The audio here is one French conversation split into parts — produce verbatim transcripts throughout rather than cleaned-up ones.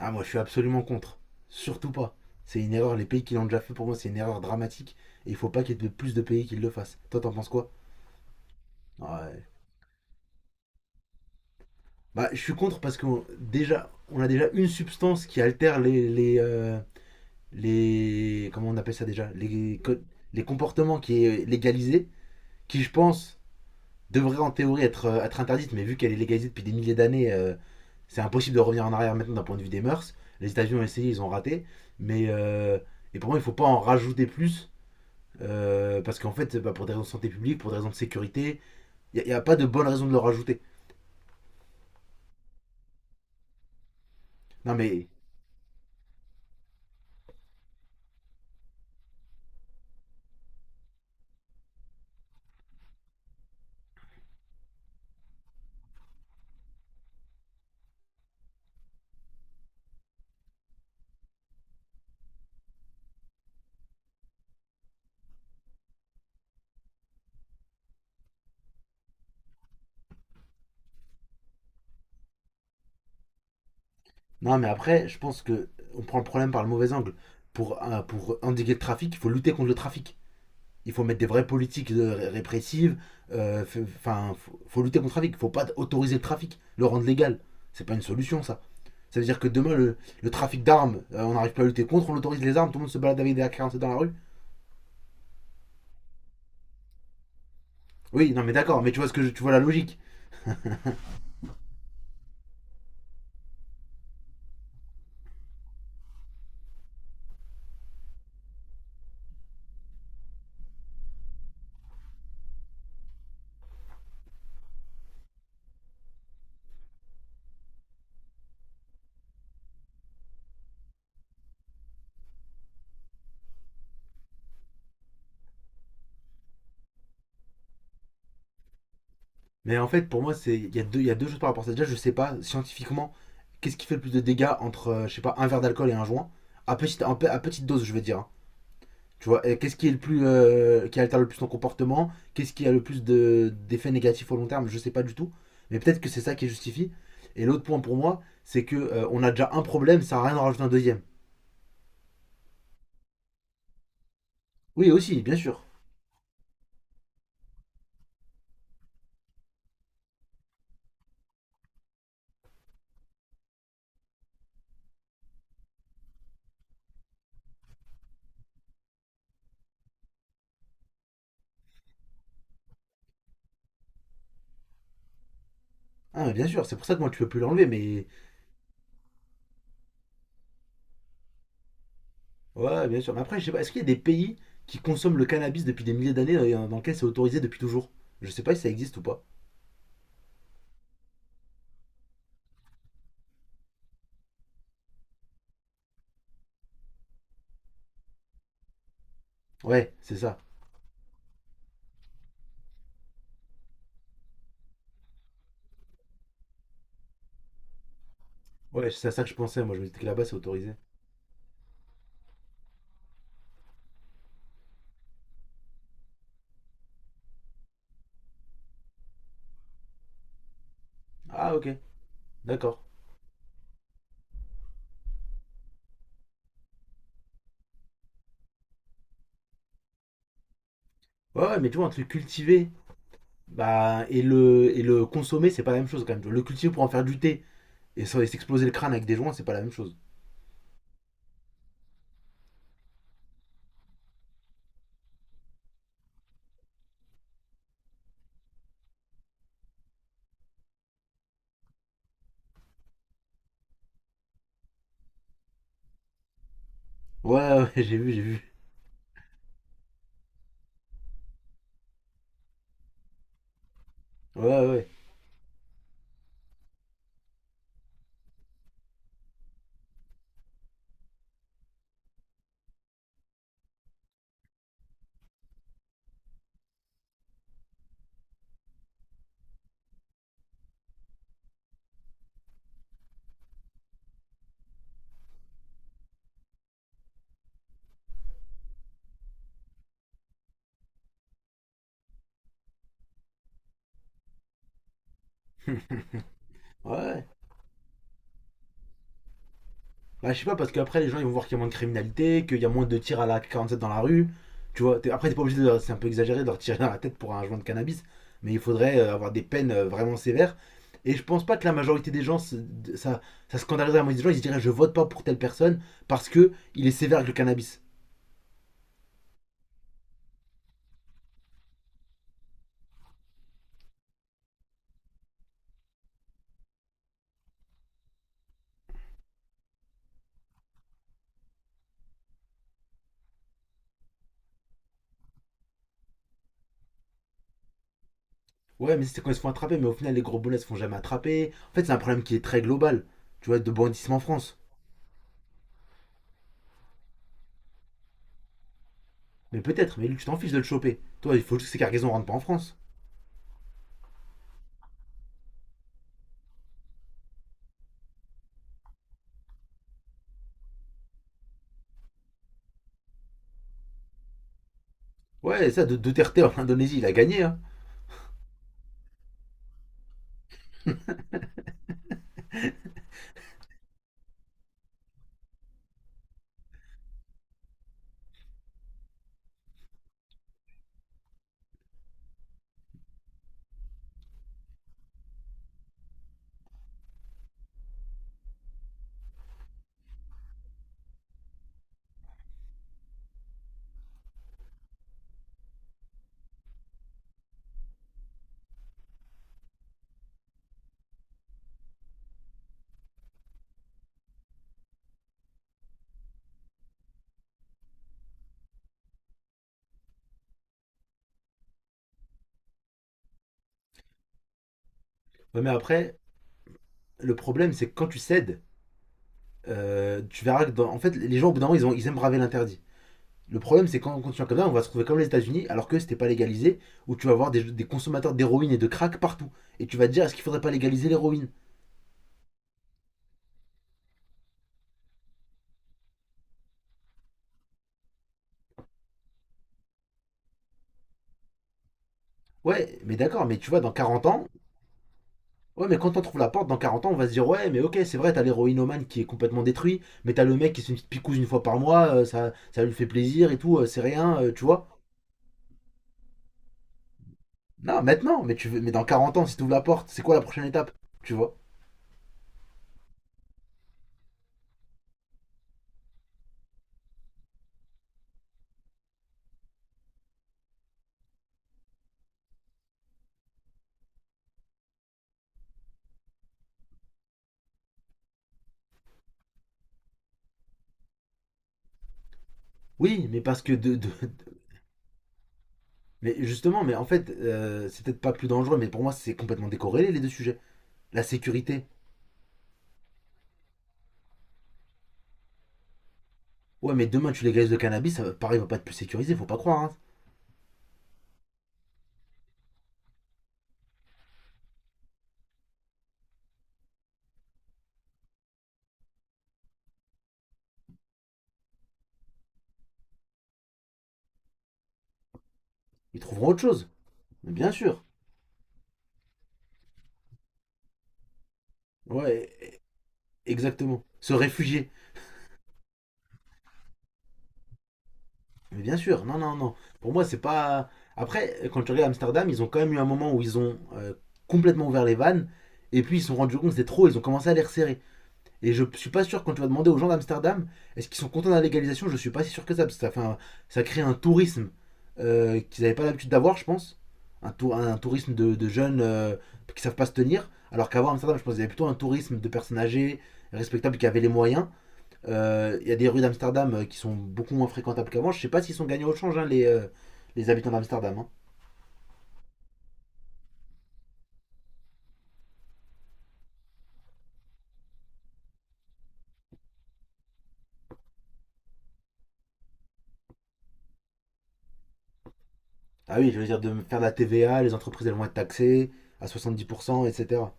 Ah, moi, je suis absolument contre. Surtout pas. C'est une erreur. Les pays qui l'ont déjà fait, pour moi, c'est une erreur dramatique. Et il faut pas qu'il y ait de plus de pays qui le fassent. Toi, t'en penses quoi? Ouais. Bah, je suis contre parce que déjà, on a déjà une substance qui altère les. les, euh, les comment on appelle ça déjà les, co- les comportements qui est légalisé, qui, je pense, devrait en théorie être, euh, être interdite, mais vu qu'elle est légalisée depuis des milliers d'années, euh, c'est impossible de revenir en arrière maintenant d'un point de vue des mœurs. Les États-Unis ont essayé, ils ont raté. Mais. euh, et pour moi, il faut pas en rajouter plus. Euh, parce qu'en fait, bah, pour des raisons de santé publique, pour des raisons de sécurité, il n'y a, a pas de bonne raison de le rajouter. Non mais, non, mais après, je pense que on prend le problème par le mauvais angle. Pour, euh, pour endiguer le trafic, il faut lutter contre le trafic. Il faut mettre des vraies politiques euh, répressives. Euh, Enfin, faut, faut lutter contre le trafic. Il ne faut pas autoriser le trafic, le rendre légal. C'est pas une solution, ça. Ça veut dire que demain, le, le trafic d'armes, euh, on n'arrive pas à lutter contre, on autorise les armes, tout le monde se balade avec des A K quarante-sept dans la rue. Oui, non, mais d'accord, mais tu vois, ce que je- tu vois la logique. Mais en fait, pour moi, c'est il y a deux, il y a deux choses par rapport à ça. Déjà, je sais pas scientifiquement qu'est-ce qui fait le plus de dégâts entre, euh, je sais pas, un verre d'alcool et un joint. À petite, en pe- à petite dose, je veux dire. Hein. Tu vois, et qu'est-ce qui est le plus, euh, qui altère le plus ton comportement? Qu'est-ce qui a le plus de- d'effets négatifs au long terme? Je sais pas du tout. Mais peut-être que c'est ça qui justifie. Et l'autre point pour moi, c'est que euh, on a déjà un problème, ça sert à rien d'en rajouter un deuxième. Oui, aussi, bien sûr. Ah, mais bien sûr, c'est pour ça que moi tu peux plus l'enlever, mais ouais, bien sûr. Mais après, je sais pas, est-ce qu'il y a des pays qui consomment le cannabis depuis des milliers d'années euh, dans lesquels c'est autorisé depuis toujours? Je sais pas si ça existe ou pas. Ouais, c'est ça. Ouais, c'est à ça que je pensais. Moi, je me disais que là-bas, c'est autorisé. Ah, ok, d'accord. Ouais, ouais, mais tu vois, entre le cultiver bah, et le, et le consommer, c'est pas la même chose quand même. Tu vois, le cultiver pour en faire du thé et s'en- et s'exploser le crâne avec des joints, c'est pas la même chose. Ouais, ouais, j'ai vu, j'ai vu. Ouais, ouais. Ouais. Bah, je sais pas, parce qu'après, les gens ils vont voir qu'il y a moins de criminalité, qu'il y a moins de tirs à la quarante-sept dans la rue. Tu vois, t'es- après, t'es pas obligé de. leur- C'est un peu exagéré de leur tirer dans la tête pour un joint de cannabis, mais il faudrait euh, avoir des peines euh, vraiment sévères. Et je pense pas que la majorité des gens, se- de- ça, ça scandaliserait la moitié des gens, ils se diraient je vote pas pour telle personne parce que il est sévère avec le cannabis. Ouais, mais c'est quand ils se font attraper, mais au final, les gros boulets se font jamais attraper. En fait, c'est un problème qui est très global, tu vois, de banditisme en France. Mais peut-être, mais lui, tu t'en fiches de le choper. Toi, il faut juste que ces cargaisons rentrent pas en France. Ouais, ça, de Duterte en Indonésie, il a gagné, hein. Ouais, mais après, le problème, c'est que quand tu cèdes, euh, tu verras que dans- en fait, les gens, au bout d'un moment, ils, ont- ils aiment braver l'interdit. Le problème, c'est quand on continue comme ça, on va se trouver comme les États-Unis, alors que c'était pas légalisé, où tu vas avoir des, des consommateurs d'héroïne et de crack partout. Et tu vas te dire, est-ce qu'il faudrait pas légaliser l'héroïne? Ouais, mais d'accord, mais tu vois, dans quarante ans, ouais, mais quand on trouve la porte, dans quarante ans, on va se dire, ouais, mais ok, c'est vrai, t'as l'héroïnomane qui est complètement détruit, mais t'as le mec qui se fait une petite picouse une fois par mois, euh, ça, ça lui fait plaisir et tout, euh, c'est rien, euh, tu vois. Non, maintenant, mais, tu, veux- mais dans quarante ans, si tu ouvres la porte, c'est quoi la prochaine étape? Tu vois? Oui, mais parce que de, de- mais justement, mais en fait, euh, c'est peut-être pas plus dangereux, mais pour moi, c'est complètement décorrélé les deux sujets. La sécurité. Ouais, mais demain, tu légalises le cannabis, ça va, pareil, va pas être plus sécurisé, faut pas croire. Hein. Ils trouveront autre chose. Mais bien sûr. Ouais, e- exactement. Se réfugier. Mais bien sûr. Non, non, non. Pour moi, c'est pas. Après, quand tu regardes Amsterdam, ils ont quand même eu un moment où ils ont euh, complètement ouvert les vannes, et puis ils se sont rendus compte que c'était trop, ils ont commencé à les resserrer. Et je suis pas sûr, quand tu vas demander aux gens d'Amsterdam, est-ce qu'ils sont contents de la légalisation? Je suis pas si sûr que ça, parce que ça, fait un- ça crée un tourisme euh, qu'ils n'avaient pas l'habitude d'avoir, je pense. Un, tou- un tourisme de, de jeunes euh, qui savent pas se tenir. Alors qu'avant Amsterdam, je pense qu'il y avait plutôt un tourisme de personnes âgées, respectables, qui avaient les moyens. Euh, Il y a des rues d'Amsterdam euh, qui sont beaucoup moins fréquentables qu'avant. Je sais pas s'ils sont gagnés au change, hein, les, euh, les habitants d'Amsterdam. Hein. Ah oui, je veux dire, de faire de la T V A, les entreprises elles vont être taxées à soixante-dix pour cent, et cetera.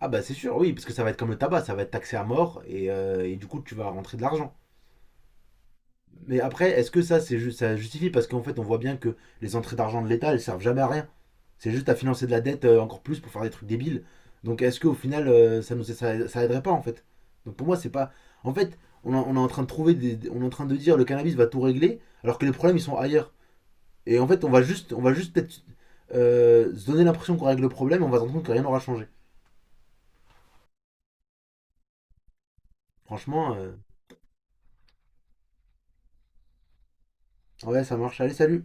Ah bah c'est sûr, oui, parce que ça va être comme le tabac, ça va être taxé à mort et, euh, et du coup tu vas rentrer de l'argent. Mais après, est-ce que ça, c'est ju- ça justifie? Parce qu'en fait, on voit bien que les entrées d'argent de l'État, elles servent jamais à rien. C'est juste à financer de la dette euh, encore plus pour faire des trucs débiles. Donc est-ce qu'au final, euh, ça nous ça, ça aiderait pas en fait? Donc pour moi, c'est pas. En fait, on, en- on est en train de trouver, des... on est en train de dire le cannabis va tout régler, alors que les problèmes ils sont ailleurs. Et en fait, on va juste, on va juste peut-être euh, se donner l'impression qu'on règle le problème, on va se rendre compte que rien n'aura changé. Franchement, euh, ouais, ça marche. Allez, salut.